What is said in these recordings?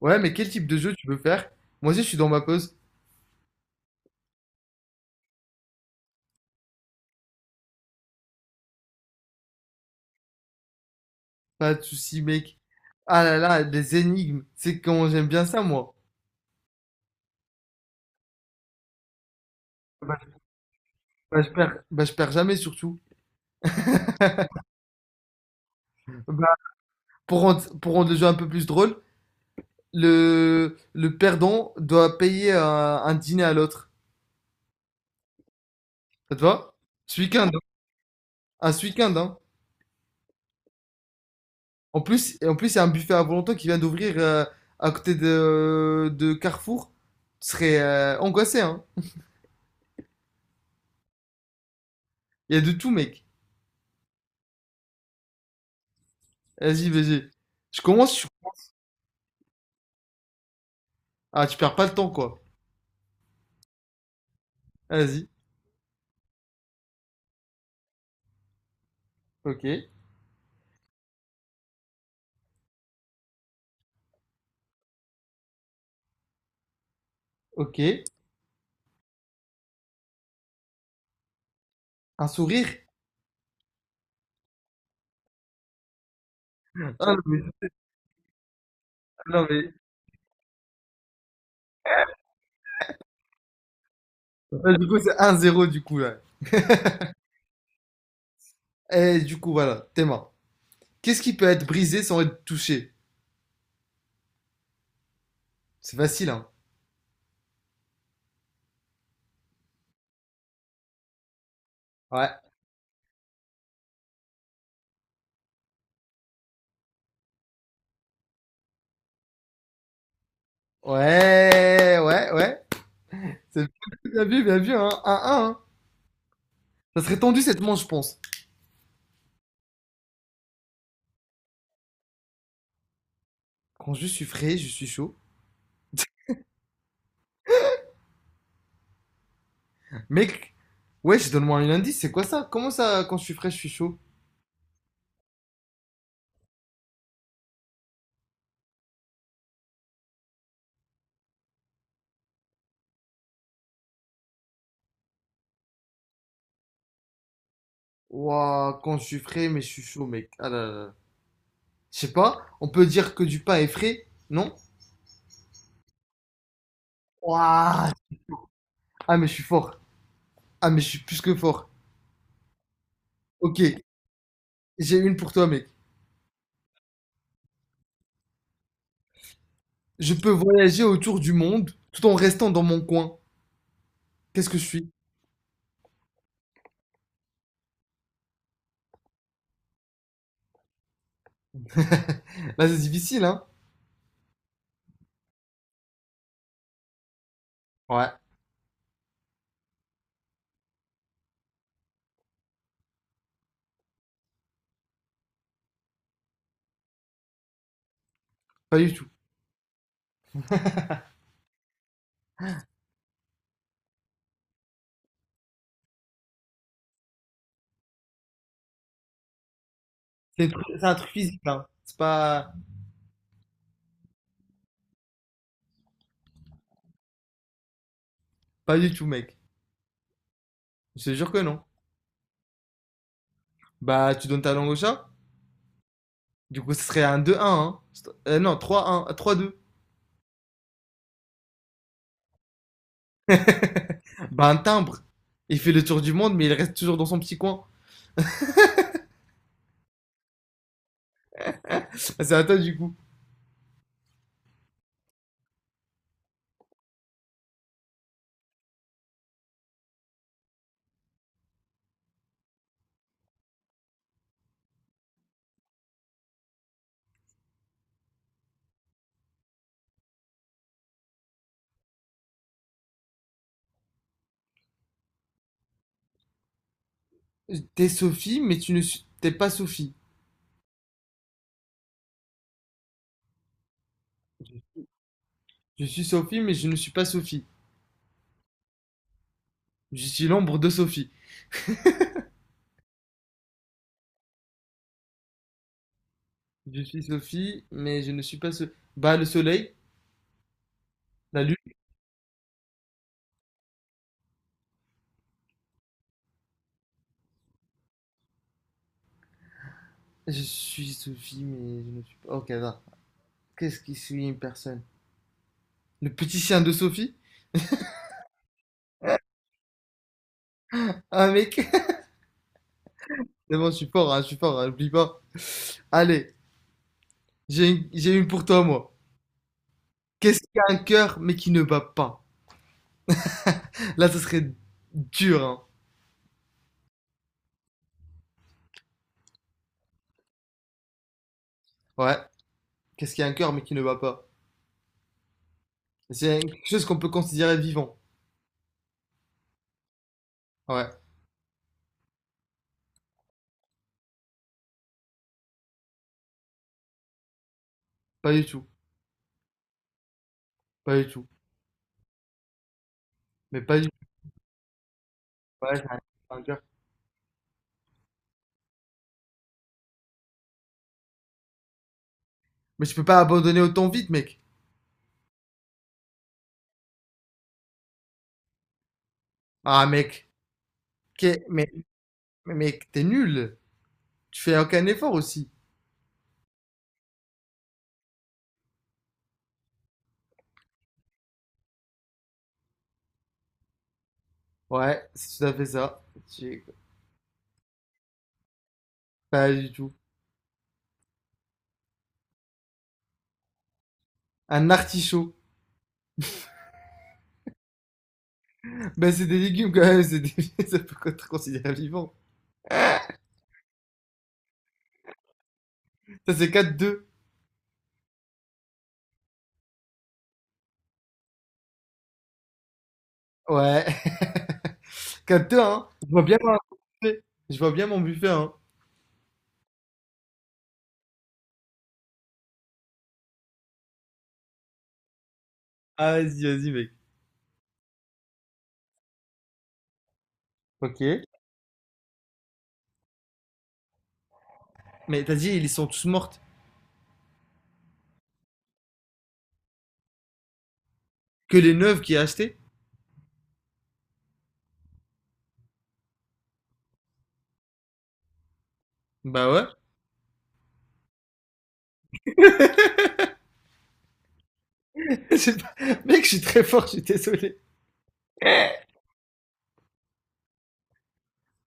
Ouais, mais quel type de jeu tu veux faire? Moi aussi, je suis dans ma pause. Pas de soucis, mec. Ah là là, des énigmes. C'est comment j'aime bien ça, moi. Bah, je perds, je perds jamais, surtout. Bah, pour rendre le jeu un peu plus drôle, le perdant doit payer un dîner à l'autre. Ça te va? Ce week-end, hein. Un ce week-end, hein. En plus, il y a un buffet à volonté qui vient d'ouvrir à côté de Carrefour. Tu serais angoissé, hein. Il y a de tout, mec. Vas-y, vas-y. Je commence. Ah, tu perds pas le temps, quoi. Vas-y. Ok. Ok. Un sourire? Ah, non, mais, non, mais- ah, du coup, c'est un zéro du coup, là. Et du coup, voilà. Tes mains. Qu'est-ce qui peut être brisé sans être touché? C'est facile, hein. Ouais. Ouais, ouais, ouais. C'est bien vu, hein. 1-1, hein. Ça serait tendu cette manche, je pense. Quand je suis frais, je suis chaud. Mec, ouais, je donne-moi un indice, c'est quoi ça? Comment ça, quand je suis frais, je suis chaud? Ouah, quand je suis frais, mais je suis chaud, mec. Ah là là là. Je sais pas, on peut dire que du pain est frais, non? Ouah. Ah, mais je suis fort. Ah, mais je suis plus que fort. Ok, j'ai une pour toi, mec. Je peux voyager autour du monde tout en restant dans mon coin. Qu'est-ce que je suis? Là, c'est difficile, hein? Ouais, pas du tout. C'est un truc physique, hein. C'est pas... Pas du tout, mec. Je te jure que non. Bah, tu donnes ta langue au chat? Du coup, ce serait un 2-1, hein. Non, 3-1, 3-2. Bah, un timbre. Il fait le tour du monde, mais il reste toujours dans son petit coin. Ah, c'est à toi, du coup. T'es Sophie, mais tu ne suis- t'es pas Sophie. Je suis Sophie, mais je ne suis pas Sophie. Je suis l'ombre de Sophie. Je suis Sophie, mais je ne suis pas Sophie. Bah, le soleil, la lune. Je suis Sophie, mais je ne suis pas. Ok, va. Qu'est-ce qui suis une personne? Le petit chien de Sophie? Ah, mec. C'est bon, je suis fort, hein, je suis fort, hein, oublie pas. Allez, j'ai une pour toi, moi. Qu'est-ce qui a un cœur, mais qui ne bat pas? Là, ça serait dur, hein. Ouais. Qu'est-ce qui a un cœur, mais qui ne bat pas? C'est quelque chose qu'on peut considérer vivant. Ouais. Pas du tout, pas du tout. Mais pas du tout. Ouais, c'est un cœur. Mais tu peux pas abandonner autant vite, mec. Ah, mec, qu'est- mais, mec, t'es nul. Tu fais aucun effort aussi. Ouais, c'est tout à fait ça. Tu- Pas du tout. Un artichaut. Ben, c'est des légumes quand même, c'est des... ça peut être considéré vivant. Ça, c'est 4-2. Ouais, 4-2, hein. Je vois bien mon buffet. Je vois bien mon buffet, hein. Ah, vas-y, vas-y, mec. Ok. Mais t'as dit, ils sont tous mortes. Que les neuves qui a acheté? Bah ouais. C'est pas- Mec, je suis très fort, je suis désolé.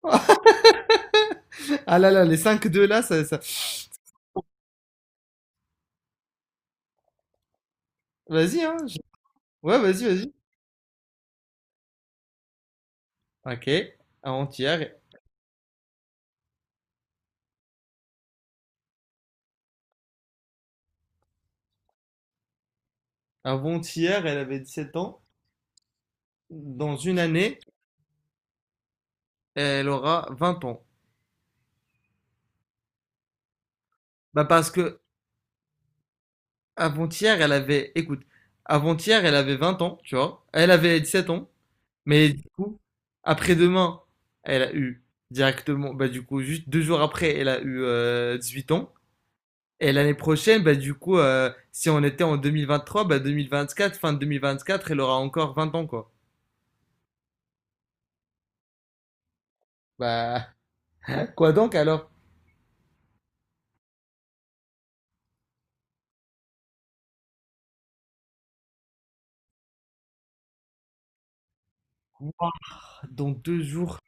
Ah là là, les 5-2 là, Vas-y, hein. Je- Ouais, vas-y, vas-y. Ok. Avant-hier, avant-hier, elle avait 17 ans. Dans une année, elle aura 20 ans. Bah parce que avant-hier, elle avait... Écoute, avant-hier, elle avait 20 ans, tu vois. Elle avait 17 ans. Mais du coup, après-demain, elle a eu directement... Bah du coup, juste 2 jours après, elle a eu 8 ans. Et l'année prochaine, bah, du coup, si on était en 2023, bah, 2024, fin de 2024, elle aura encore 20 ans, quoi. Bah, quoi donc alors? Moi, dans 2 jours,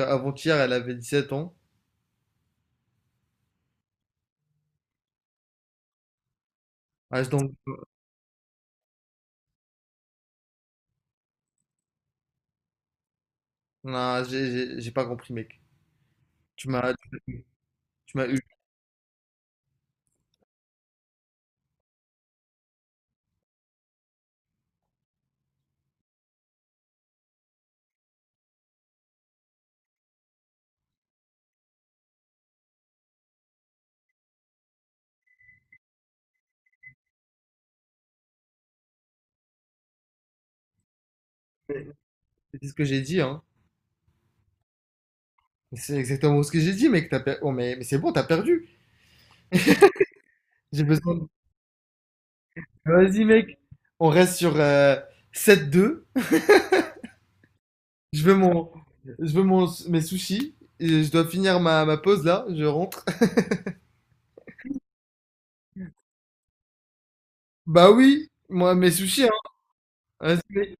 avant-hier, elle avait 17 ans. Ah, donc, non, j'ai pas compris, mec. Tu m'as, Tu m'as eu. C'est ce que j'ai dit, hein. C'est exactement ce que j'ai dit, mec. Oh, mais c'est bon, t'as perdu. J'ai besoin. Vas-y, mec. On reste sur 7-2. Je veux mon, je veux mon, mes sushis. Et je dois finir ma pause là. Je rentre. Bah oui, moi mes sushis, hein. Vas-y.